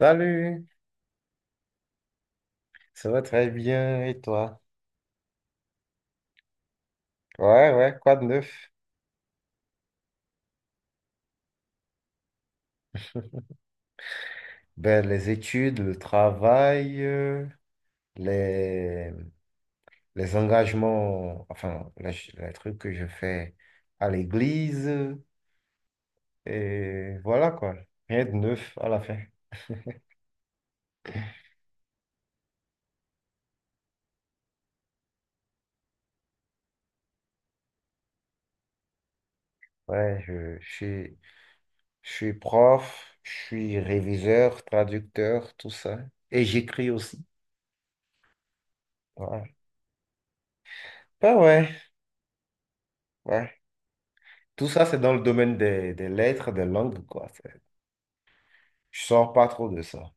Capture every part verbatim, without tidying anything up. Salut, ça va très bien et toi? Ouais, ouais, quoi de neuf? Ben, les études, le travail, euh, les, les engagements, enfin, les, ch- les trucs que je fais à l'église, et voilà quoi, rien de neuf à la fin. Ouais, je, je suis, je suis prof, je suis réviseur, traducteur, tout ça, et j'écris aussi. Ouais, ben ouais, ouais. Tout ça, c'est dans le domaine des, des lettres, des langues, quoi. Je sors pas trop de ça.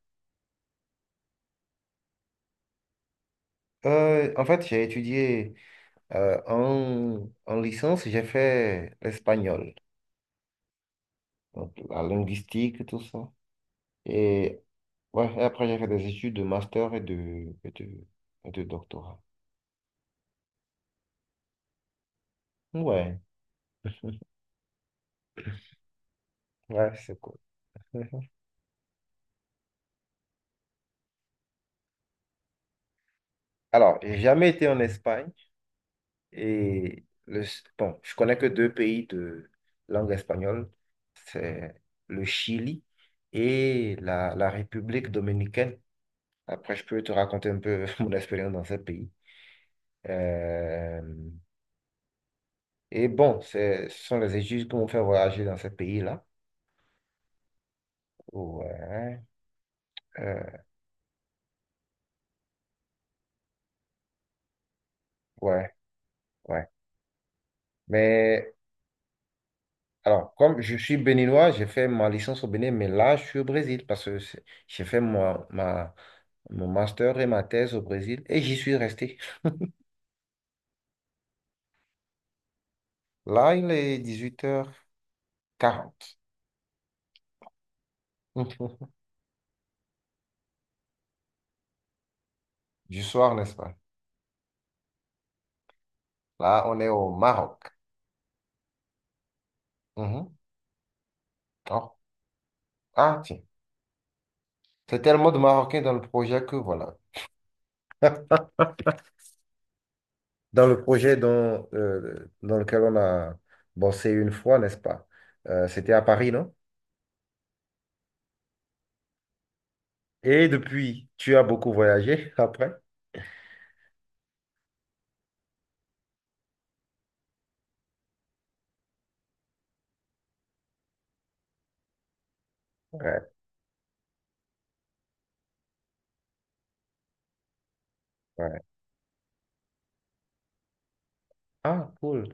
Euh, en fait, j'ai étudié euh, en, en licence, j'ai fait l'espagnol, donc la linguistique, tout ça. Et, ouais, et après, j'ai fait des études de master et de, et de, et de doctorat. Ouais, ouais, c'est cool. Alors, j'ai jamais été en Espagne et le, bon, je connais que deux pays de langue espagnole, c'est le Chili et la, la République dominicaine. Après, je peux te raconter un peu mon expérience dans ce pays. Euh, et bon, c'est- ce sont les études qui m'ont fait voyager dans ce pays-là. Ouais, euh, ouais, ouais. Mais alors, comme je suis béninois, j'ai fait ma licence au Bénin, mais là, je suis au Brésil parce que c'est- j'ai fait ma, ma- mon master et ma thèse au Brésil et j'y suis resté. Là, il est dix-huit heures quarante du soir, n'est-ce pas? Là, on est au Maroc. Mhm. Oh. Ah, tiens. C'est tellement de Marocains dans le projet que voilà. Dans le projet dont, euh, dans lequel on a bossé une fois, n'est-ce pas? Euh, c'était à Paris, non? Et depuis, tu as beaucoup voyagé après? Ouais, ouais. Ah, cool.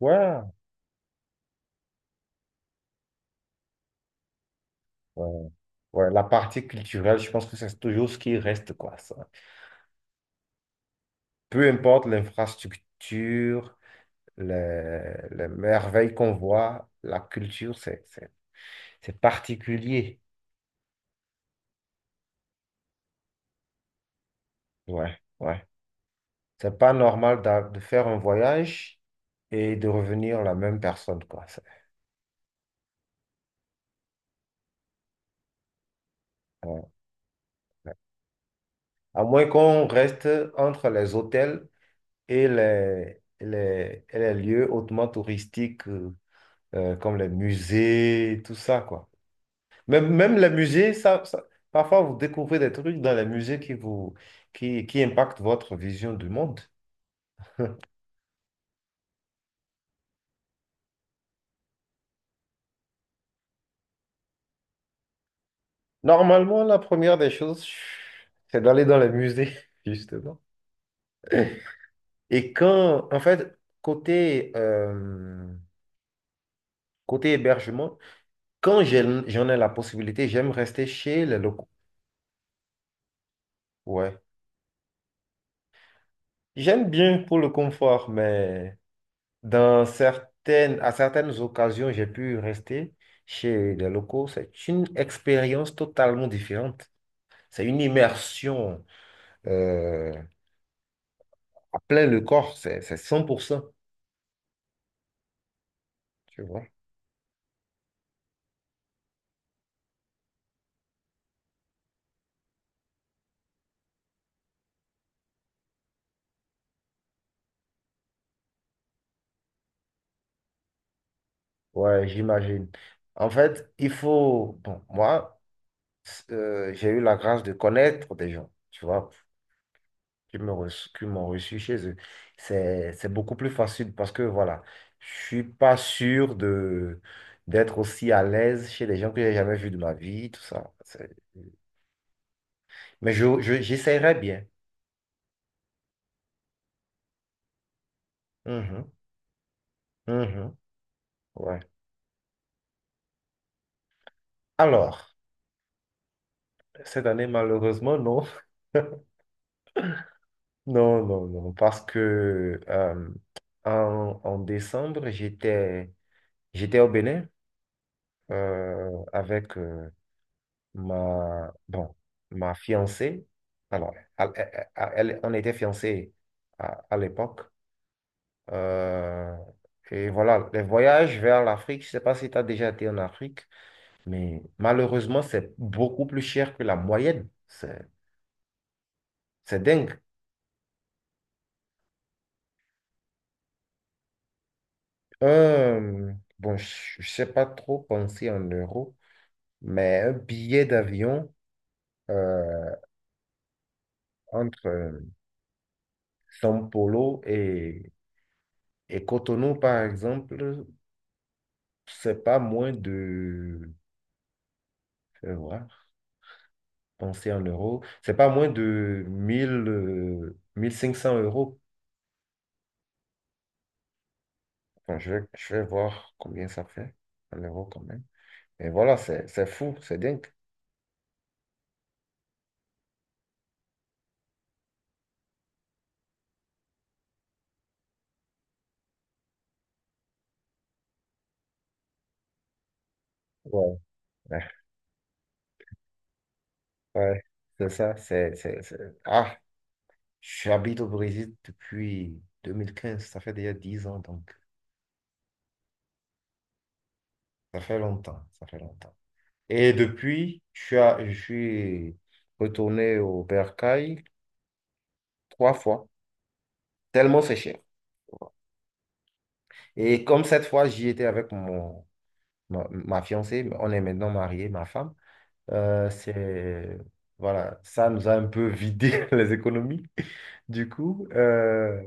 Ouais, ouais. Ouais, la partie culturelle, je pense que c'est toujours ce qui reste, quoi, ça. Peu importe l'infrastructure, les, les merveilles qu'on voit, la culture, c'est, c'est, c'est particulier. Ouais, ouais. C'est pas normal d'a- de faire un voyage et de revenir la même personne, quoi. C'est- ouais, ouais. À moins qu'on reste entre les hôtels et les, les, et les lieux hautement touristiques, euh, euh, comme les musées, tout ça, quoi. Même, même les musées, ça, ça- parfois vous découvrez des trucs dans les musées qui vous, qui, qui impactent votre vision du monde. Normalement, la première des choses, c'est d'aller dans les musées, justement. Et quand, en fait, côté, euh, côté hébergement, quand j'ai- j'en ai la possibilité, j'aime rester chez les locaux. Ouais. J'aime bien pour le confort, mais dans certaines, à certaines occasions, j'ai pu rester chez les locaux. C'est une expérience totalement différente. C'est une immersion euh, à plein le corps. C'est, c'est cent pour cent, tu vois. Ouais, j'imagine. En fait, il faut, bon, moi, euh, j'ai eu la grâce de connaître des gens, tu vois, qui me reç- qui m'ont reçu chez eux. C'est, c'est beaucoup plus facile parce que, voilà, je suis pas sûr de, d'être aussi à l'aise chez des gens que j'ai jamais vus de ma vie, tout ça. C'est- Mais je, je- j'essaierai bien. Mhm, mhm, ouais. Alors, cette année, malheureusement, non. Non, non, non, parce que euh, en, en décembre, j'étais j'étais au Bénin euh, avec, euh, ma, bon, ma fiancée, alors, elle, elle- elle- on était fiancés à, à l'époque. Euh, et voilà, les voyages vers l'Afrique, je ne sais pas si tu as déjà été en Afrique, mais malheureusement, c'est beaucoup plus cher que la moyenne. C'est, c'est dingue. Un, bon, je ne sais pas trop penser en euros, mais un billet d'avion euh, entre euh, São Paulo et, et Cotonou, par exemple, c'est pas moins de, je vais voir, penser en euros, c'est pas moins de mille euh, mille cinq cents euros. Bon, je vais, je vais voir combien ça fait en euros quand même. Et voilà, c'est, c'est fou, c'est dingue. Ouais, ouais, ouais, c'est ça. c'est, c'est, c'est- Ah, j'habite au Brésil depuis deux mille quinze, ça fait déjà dix ans, donc ça fait longtemps, ça fait longtemps. Et depuis, je suis, à- je suis retourné au Bercail trois fois, tellement c'est cher. Et comme cette fois, j'y étais avec mon, ma, ma fiancée, on est maintenant mariés, ma femme, euh, c'est, voilà, ça nous a un peu vidé les économies. Du coup, euh,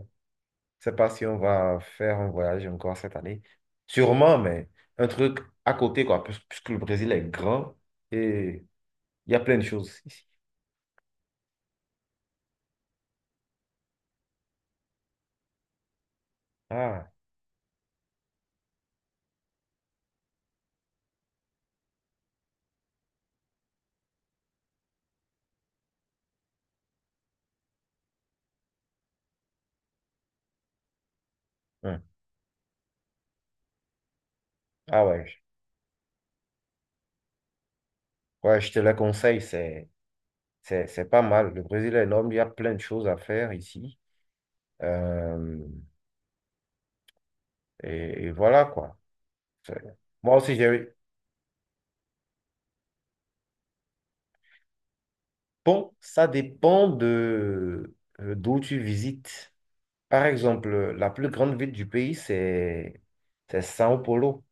je sais pas si on va faire un voyage encore cette année. Sûrement, mais un truc à côté, quoi, puis- puisque le Brésil est grand et il y a plein de choses ici. Ah, hum. Ah ouais, ouais, je te le conseille, c'est, c'est, c'est pas mal. Le Brésil est énorme, il y a plein de choses à faire ici. Euh, Et, et voilà, quoi. C'est- Moi aussi, j'ai... Bon, ça dépend de euh, d'où tu visites. Par exemple, la plus grande ville du pays, c'est c'est São Paulo.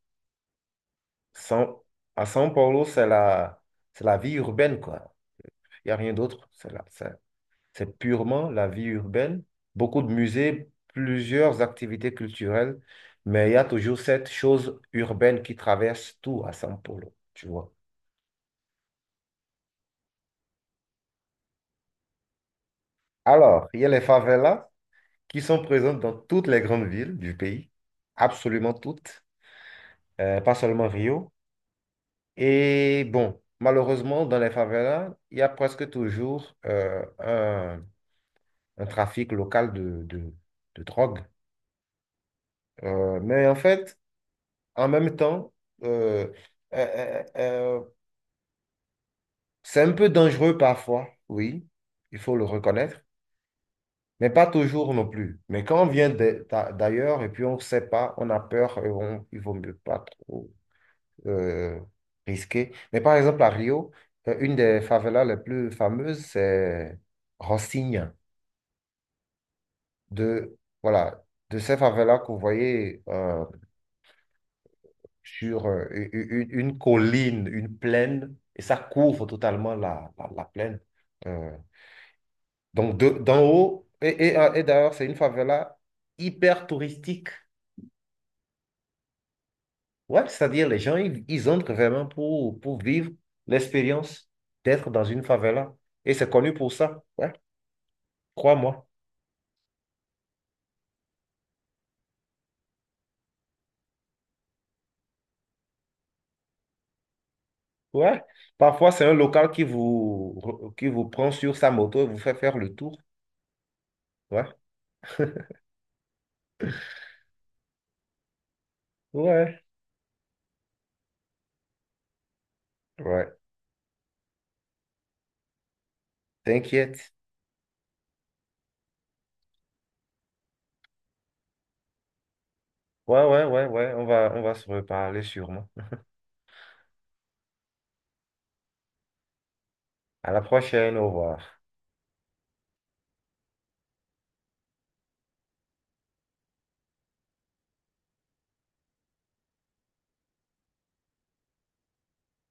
São- À São Paulo, c'est la... c'est la vie urbaine, quoi. Il n'y a rien d'autre. C'est la- c'est c'est purement la vie urbaine. Beaucoup de musées, plusieurs activités culturelles, mais il y a toujours cette chose urbaine qui traverse tout à São Paulo, tu vois. Alors, il y a les favelas, qui sont présentes dans toutes les grandes villes du pays, absolument toutes, euh, pas seulement Rio. Et bon, malheureusement, dans les favelas, il y a presque toujours euh, un, un trafic local de, de, de drogue. Euh, mais en fait, en même temps, euh, euh, euh, euh, c'est un peu dangereux parfois, oui, il faut le reconnaître. Mais pas toujours non plus. Mais quand on vient d'a- d'ailleurs et puis on ne sait pas, on a peur, et on, il vaut mieux pas trop euh, risqué. Mais par exemple, à Rio, euh, une des favelas les plus fameuses, c'est Rocinha. De, voilà, de ces favelas que vous voyez euh, sur euh, u- u- une, une colline, une plaine, et ça couvre totalement la, la, la plaine. Euh, donc, de, d'en haut, et, et, euh, et d'ailleurs, c'est une favela hyper touristique. Ouais, c'est-à-dire, les gens, ils, ils entrent vraiment pour, pour vivre l'expérience d'être dans une favela. Et c'est connu pour ça. Ouais. Trois mois. Ouais. Parfois, c'est un local qui vous, qui vous prend sur sa moto et vous fait faire le tour. Ouais. Ouais. Ouais. T'inquiète. Ouais, ouais, ouais, ouais. On va, on va se reparler sûrement. À la prochaine. Au revoir.